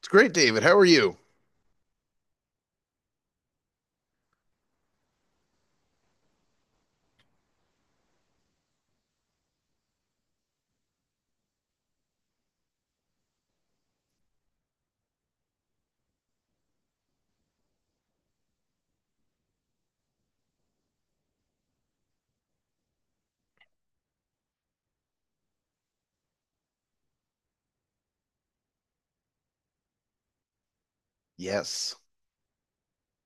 It's great, David. How are you? Yes.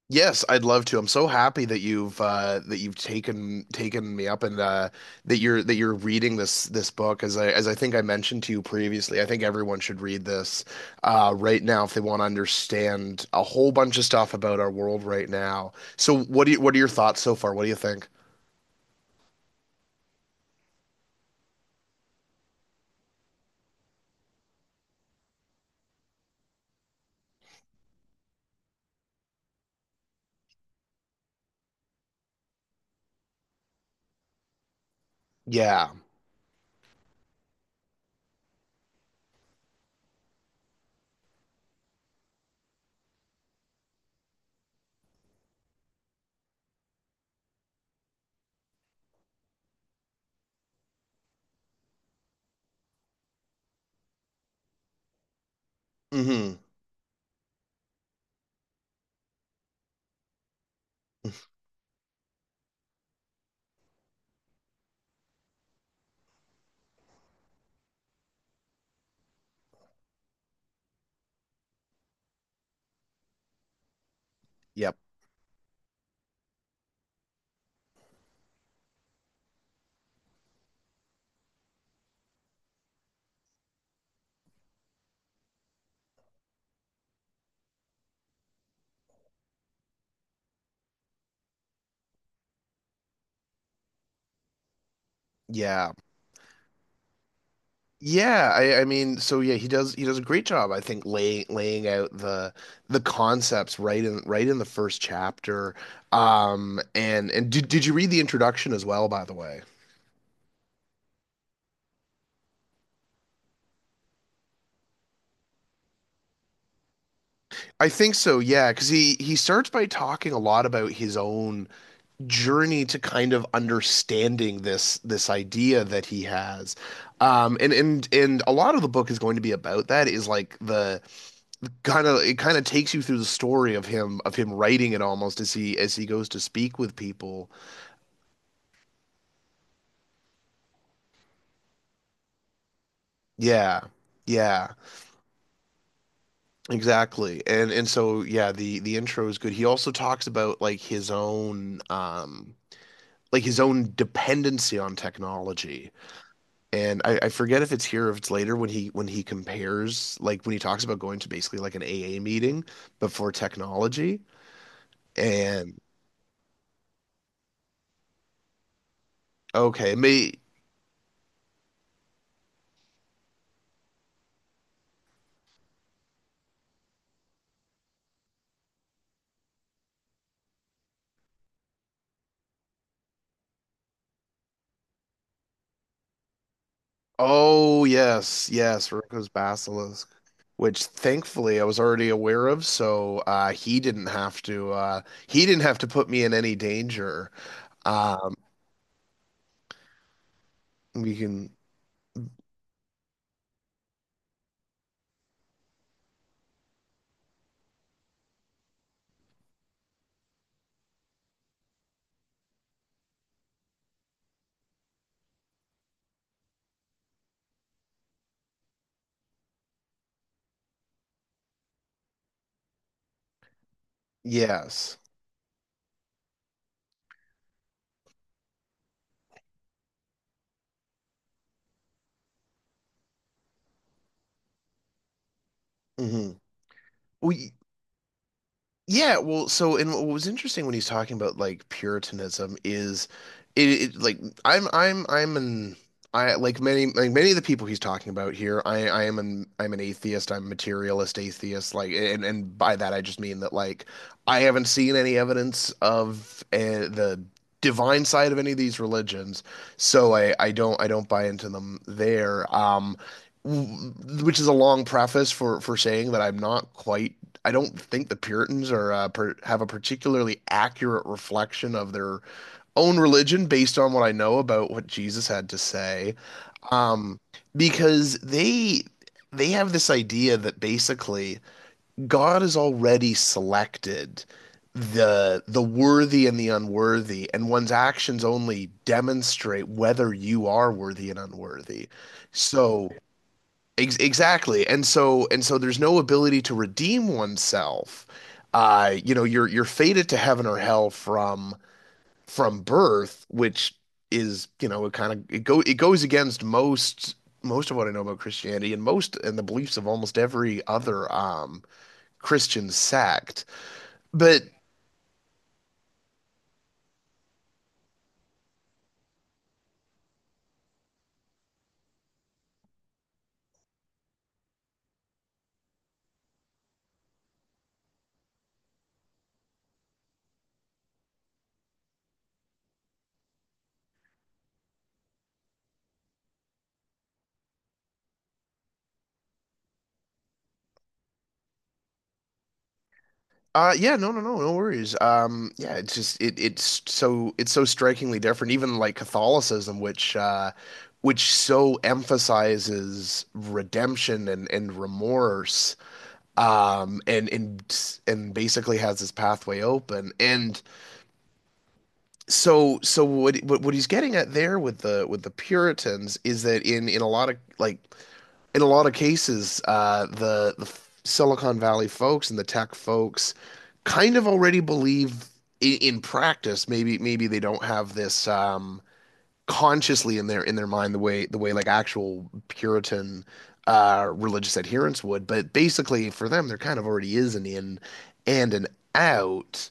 Yes, I'd love to. I'm so happy that you've taken me up and that you're reading this book as I think I mentioned to you previously. I think everyone should read this right now if they want to understand a whole bunch of stuff about our world right now. So what are your thoughts so far? What do you think? Yeah. Hmm. Yep. Yeah. So he does a great job, I think, laying out the concepts right in the first chapter. And did you read the introduction as well, by the way? I think so, yeah, because he starts by talking a lot about his own journey to kind of understanding this idea that he has. And a lot of the book is going to be about that, is like the kind of it kind of takes you through the story of him writing it almost as he goes to speak with people. Yeah. Yeah, exactly. And so the intro is good. He also talks about like his own dependency on technology. And I forget if it's here or if it's later when he compares, like when he talks about going to basically like an AA meeting but for technology. And okay, may Oh, yes, yes, Rocco's Basilisk, which thankfully I was already aware of, so he didn't have to put me in any danger. Um, we can, yes. Hmm. Yeah, well, so and what was interesting when he's talking about like Puritanism is it, it like I'm an I like many of the people he's talking about here, I'm an atheist, I'm materialist atheist, like, and by that I just mean that I haven't seen any evidence of the divine side of any of these religions, so I don't buy into them there. W- which is a long preface for saying that I'm not quite. I don't think the Puritans are per have a particularly accurate reflection of their own religion based on what I know about what Jesus had to say. Um, because they have this idea that basically God has already selected the worthy and the unworthy, and one's actions only demonstrate whether you are worthy and unworthy. So exactly. And so, and so there's no ability to redeem oneself. You know, you're fated to heaven or hell from birth, which is, you know, it kind of it go it goes against most, most of what I know about Christianity, and most and the beliefs of almost every other Christian sect. But yeah, no worries. Yeah, it's just it's so strikingly different, even like Catholicism, which so emphasizes redemption and remorse, and basically has this pathway open. And so what he's getting at there with the Puritans is that in a lot of cases, the Silicon Valley folks and the tech folks kind of already believe in practice. Maybe they don't have this consciously in their mind the way like actual Puritan religious adherents would. But basically, for them, there kind of already is an in and an out.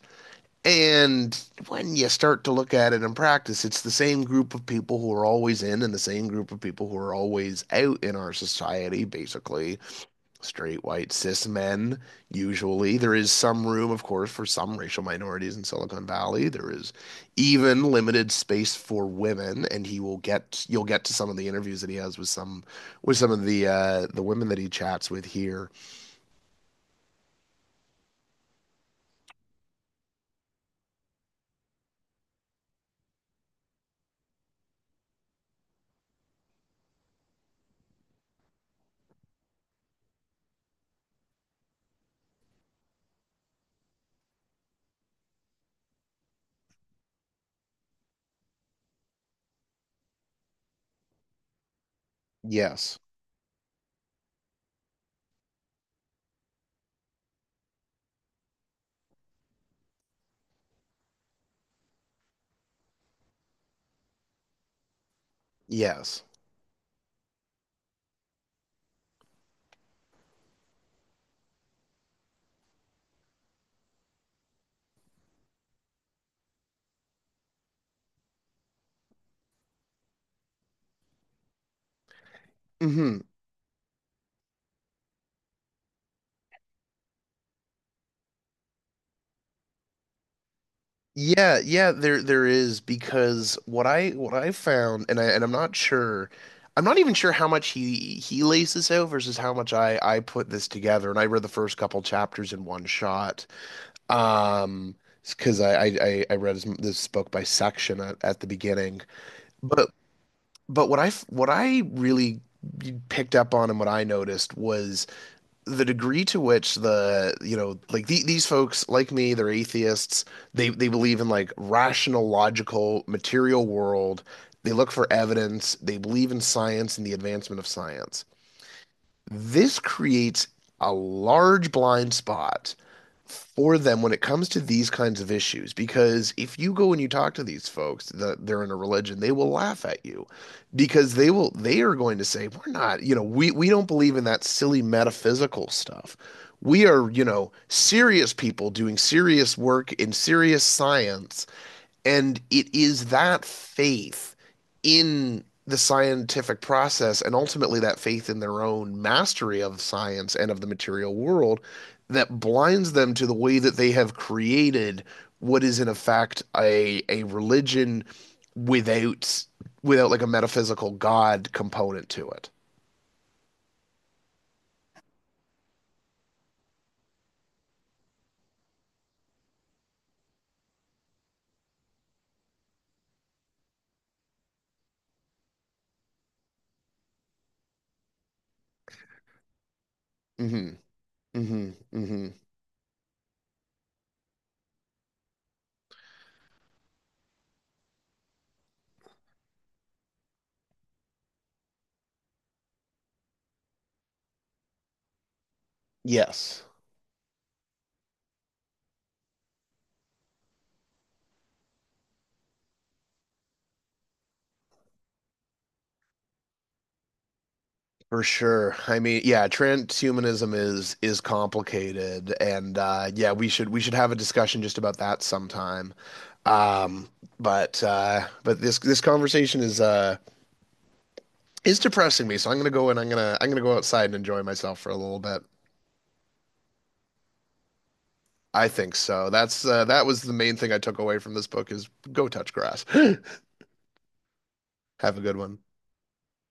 And when you start to look at it in practice, it's the same group of people who are always in and the same group of people who are always out in our society, basically straight, white, cis men, usually. There is some room, of course, for some racial minorities in Silicon Valley. There is even limited space for women, and he will get you'll get to some of the interviews that he has with some, with some of the women that he chats with here. Yes. Yes. Hmm. Yeah, there is, because what I found, and I'm not sure, I'm not even sure how much he lays this out versus how much I put this together, and I read the first couple chapters in one shot. Um because I read his, this book by section at the beginning. But but what I really picked up on and what I noticed was the degree to which the, you know, like the, these folks like me, they're atheists, they believe in like rational, logical material world, they look for evidence, they believe in science and the advancement of science. This creates a large blind spot for them when it comes to these kinds of issues, because if you go and you talk to these folks that they're in a religion, they will laugh at you, because they will, they are going to say, we're not, you know, we don't believe in that silly metaphysical stuff, we are, you know, serious people doing serious work in serious science. And it is that faith in the scientific process, and ultimately that faith in their own mastery of science and of the material world, that blinds them to the way that they have created what is in effect a religion without, without like a metaphysical God component to it. Hmm. Hmm. Hmm. Yes. For sure. I mean, yeah, transhumanism is complicated, and yeah, we should have a discussion just about that sometime. Um but this this conversation is depressing me, so I'm gonna go, and I'm gonna go outside and enjoy myself for a little bit. I think so. That was the main thing I took away from this book is go touch grass. Have a good one.